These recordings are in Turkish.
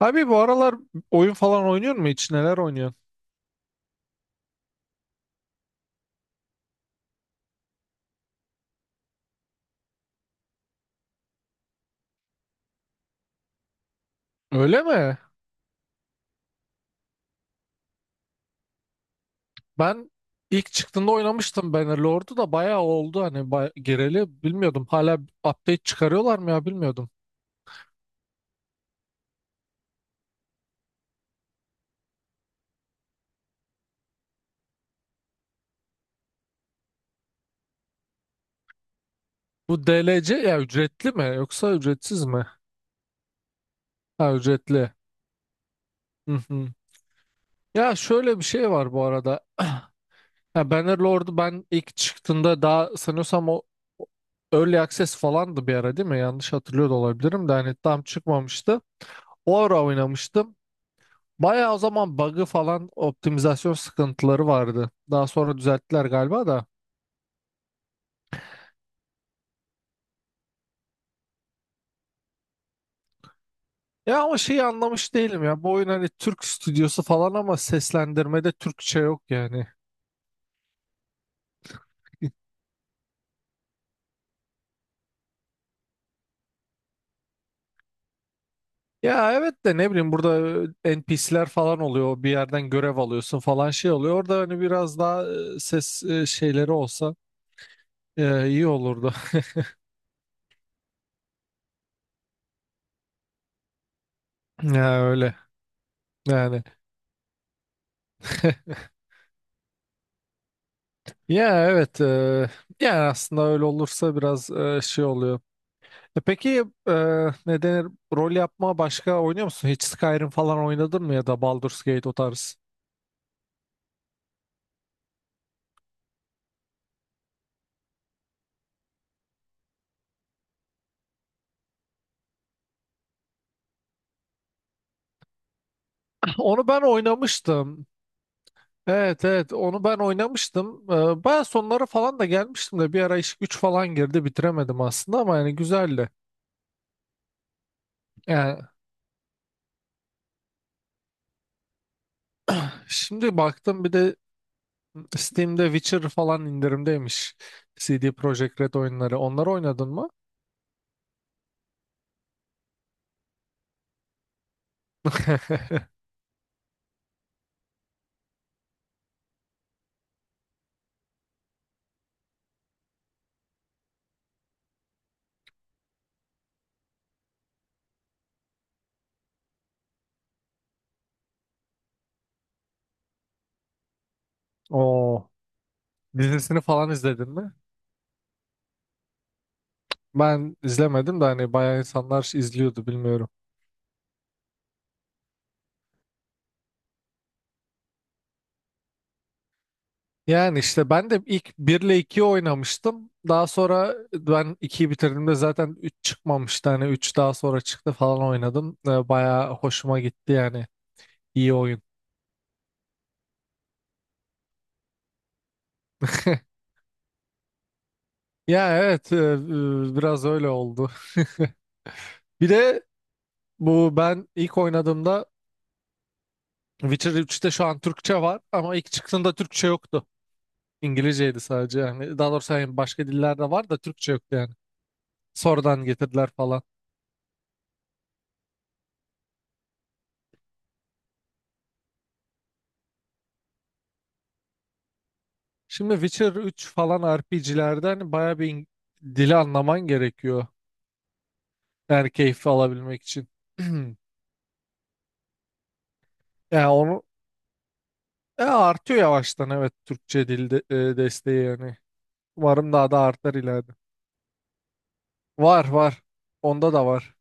Abi bu aralar oyun falan oynuyor mu hiç? Neler oynuyor? Öyle mi? Ben ilk çıktığında oynamıştım Bannerlord'u, da bayağı oldu hani bay gireli bilmiyordum. Hala update çıkarıyorlar mı ya bilmiyordum. Bu DLC ya ücretli mi yoksa ücretsiz mi? Ha, ücretli. Hı hı. Ya şöyle bir şey var bu arada. Ha, Bannerlord'u ben ilk çıktığında daha sanıyorsam o Early Access falandı bir ara değil mi? Yanlış hatırlıyor da olabilirim de hani tam çıkmamıştı. O ara oynamıştım. Bayağı o zaman bug'ı falan optimizasyon sıkıntıları vardı. Daha sonra düzelttiler galiba da. Ya ama şeyi anlamış değilim ya. Bu oyun hani Türk stüdyosu falan ama seslendirmede Türkçe yok yani. Ya evet de ne bileyim burada NPC'ler falan oluyor. Bir yerden görev alıyorsun falan şey oluyor. Orada hani biraz daha ses şeyleri olsa ya, iyi olurdu. Ya öyle. Yani. Ya evet. Yani aslında öyle olursa biraz şey oluyor. Peki ne denir? Rol yapma başka oynuyor musun? Hiç Skyrim falan oynadın mı ya da Baldur's Gate o tarz? Onu ben oynamıştım. Evet, evet, onu ben oynamıştım. Baya sonlara falan da gelmiştim de bir ara iş güç falan girdi bitiremedim aslında ama yani güzeldi. Yani şimdi baktım bir de Steam'de Witcher falan indirimdeymiş. CD Projekt Red oyunları. Onları oynadın mı? Oo. Dizisini falan izledin mi? Ben izlemedim de hani bayağı insanlar izliyordu bilmiyorum. Yani işte ben de ilk 1 ile 2'yi oynamıştım. Daha sonra ben 2'yi bitirdiğimde zaten 3 çıkmamıştı. Hani 3 daha sonra çıktı falan oynadım. Bayağı hoşuma gitti yani. İyi oyun. Ya evet, biraz öyle oldu. Bir de bu ben ilk oynadığımda Witcher 3'te şu an Türkçe var ama ilk çıktığında Türkçe yoktu. İngilizceydi sadece yani. Daha doğrusu yani başka dillerde var da Türkçe yoktu yani. Sonradan getirdiler falan. Şimdi Witcher üç falan RPG'lerde hani bayağı bir dili anlaman gerekiyor. Yani keyfi alabilmek için. Yani onu artıyor yavaştan, evet Türkçe dilde desteği yani. Umarım daha da artar ileride. Var, var. Onda da var.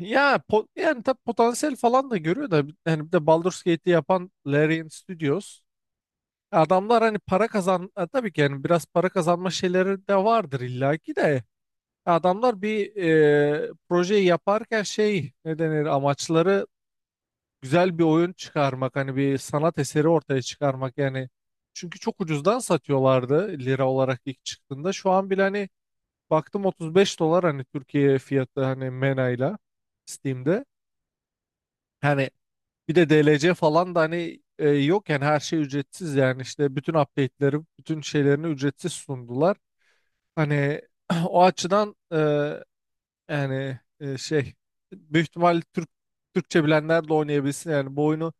Ya yani tabii potansiyel falan da görüyor da yani bir de Baldur's Gate'i yapan Larian Studios adamlar hani para kazan tabii ki yani biraz para kazanma şeyleri de vardır illaki de adamlar bir projeyi yaparken şey ne denir amaçları güzel bir oyun çıkarmak hani bir sanat eseri ortaya çıkarmak yani çünkü çok ucuzdan satıyorlardı lira olarak ilk çıktığında şu an bile hani baktım 35 dolar hani Türkiye fiyatı hani MENA'yla Steam'de. Hani bir de DLC falan da hani yok yani her şey ücretsiz yani işte bütün update'leri, bütün şeylerini ücretsiz sundular. Hani o açıdan yani şey büyük ihtimal Türkçe bilenler de oynayabilsin yani bu oyunu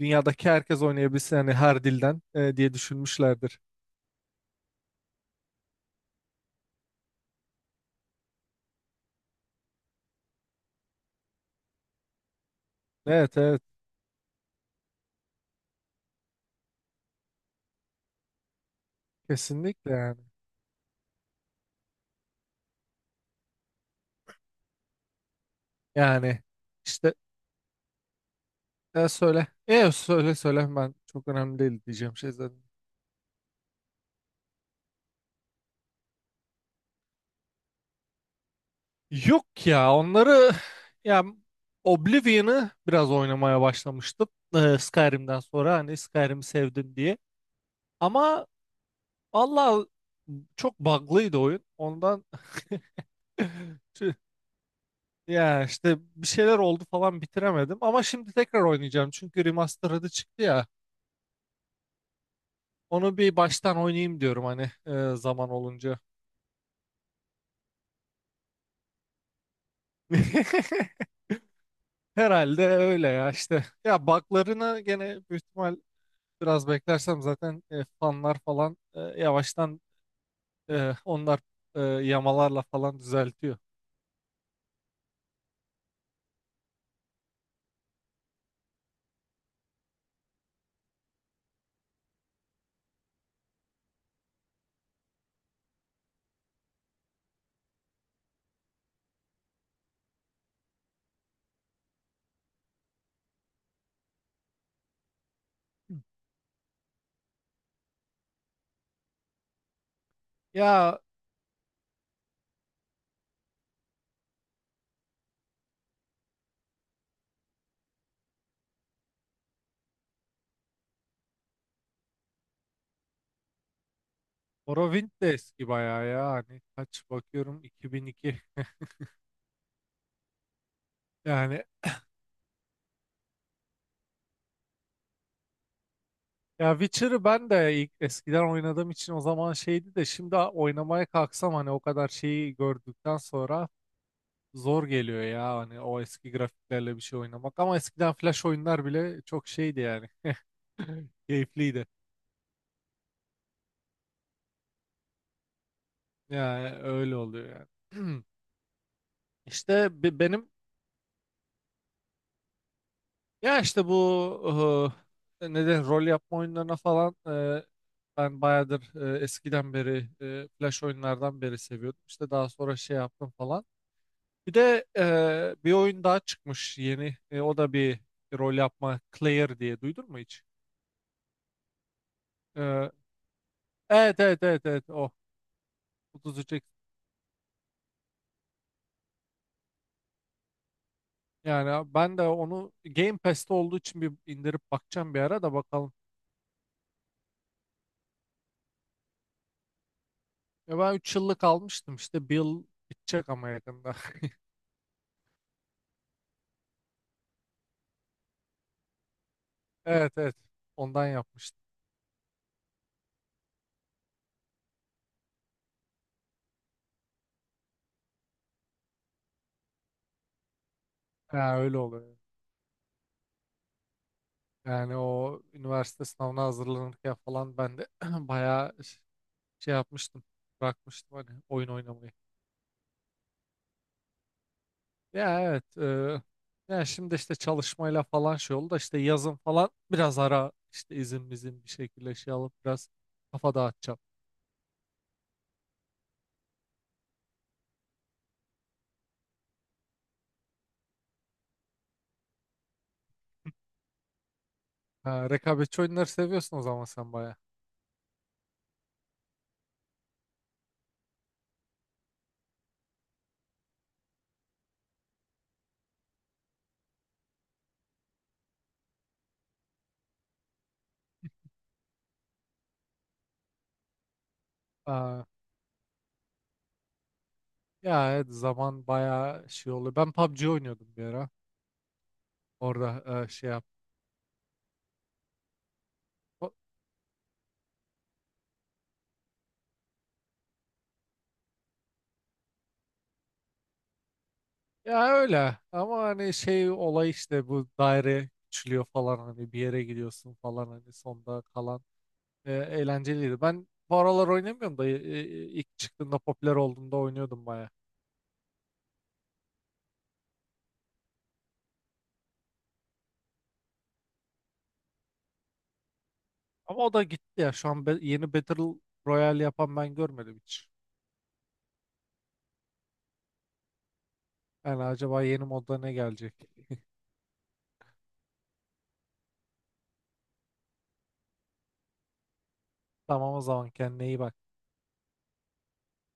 dünyadaki herkes oynayabilsin yani her dilden diye düşünmüşlerdir. Evet, evet, kesinlikle yani. Yani işte, söyle. Söyle söyle, ben çok önemli değil diyeceğim şey zaten. Yok ya, onları ya Oblivion'ı biraz oynamaya başlamıştım. Skyrim'den sonra hani Skyrim'i sevdim diye. Ama Allah çok bug'lıydı oyun. Ondan tüh, ya işte bir şeyler oldu falan bitiremedim. Ama şimdi tekrar oynayacağım. Çünkü remastered'ı çıktı ya. Onu bir baştan oynayayım diyorum hani zaman olunca. Herhalde öyle ya işte. Ya bug'larını gene büyük ihtimal biraz beklersem zaten fanlar falan yavaştan onlar yamalarla falan düzeltiyor. Ya Morrowind de eski bayağı ya. Hani kaç bakıyorum, 2002. Yani ya Witcher'ı ben de ilk eskiden oynadığım için o zaman şeydi de şimdi oynamaya kalksam hani o kadar şeyi gördükten sonra zor geliyor ya hani o eski grafiklerle bir şey oynamak, ama eskiden flash oyunlar bile çok şeydi yani keyifliydi. Yani öyle oluyor yani. İşte benim. Ya işte bu ne de rol yapma oyunlarına falan ben bayağıdır eskiden beri flash oyunlardan beri seviyordum. İşte daha sonra şey yaptım falan. Bir de bir oyun daha çıkmış yeni. O da bir rol yapma Clair diye duydun mu hiç? E, evet, evet, evet, evet, o 33 X. Yani ben de onu Game Pass'te olduğu için bir indirip bakacağım, bir ara da bakalım. Ya ben 3 yıllık almıştım işte, bir yıl bitecek ama yakında. Evet, evet, ondan yapmıştım. Ha, öyle oluyor. Yani o üniversite sınavına hazırlanırken falan ben de bayağı şey yapmıştım. Bırakmıştım hani oyun oynamayı. Ya evet. Yani şimdi işte çalışmayla falan şey oldu da işte yazın falan biraz ara işte izin mizin bir şekilde şey alıp biraz kafa dağıtacağım. Ha, rekabetçi oyunları seviyorsun o zaman sen bayağı. Aa, ya evet, zaman bayağı şey oluyor. Ben PUBG oynuyordum bir ara. Orada şey yap. Ya öyle ama hani şey olay işte bu daire küçülüyor falan hani bir yere gidiyorsun falan hani sonda kalan eğlenceliydi. Ben bu aralar oynamıyorum da ilk çıktığında popüler olduğunda oynuyordum baya. Ama o da gitti ya şu an, yeni Battle Royale yapan ben görmedim hiç. Yani acaba yeni modda ne gelecek? Tamam, o zaman kendine iyi bak.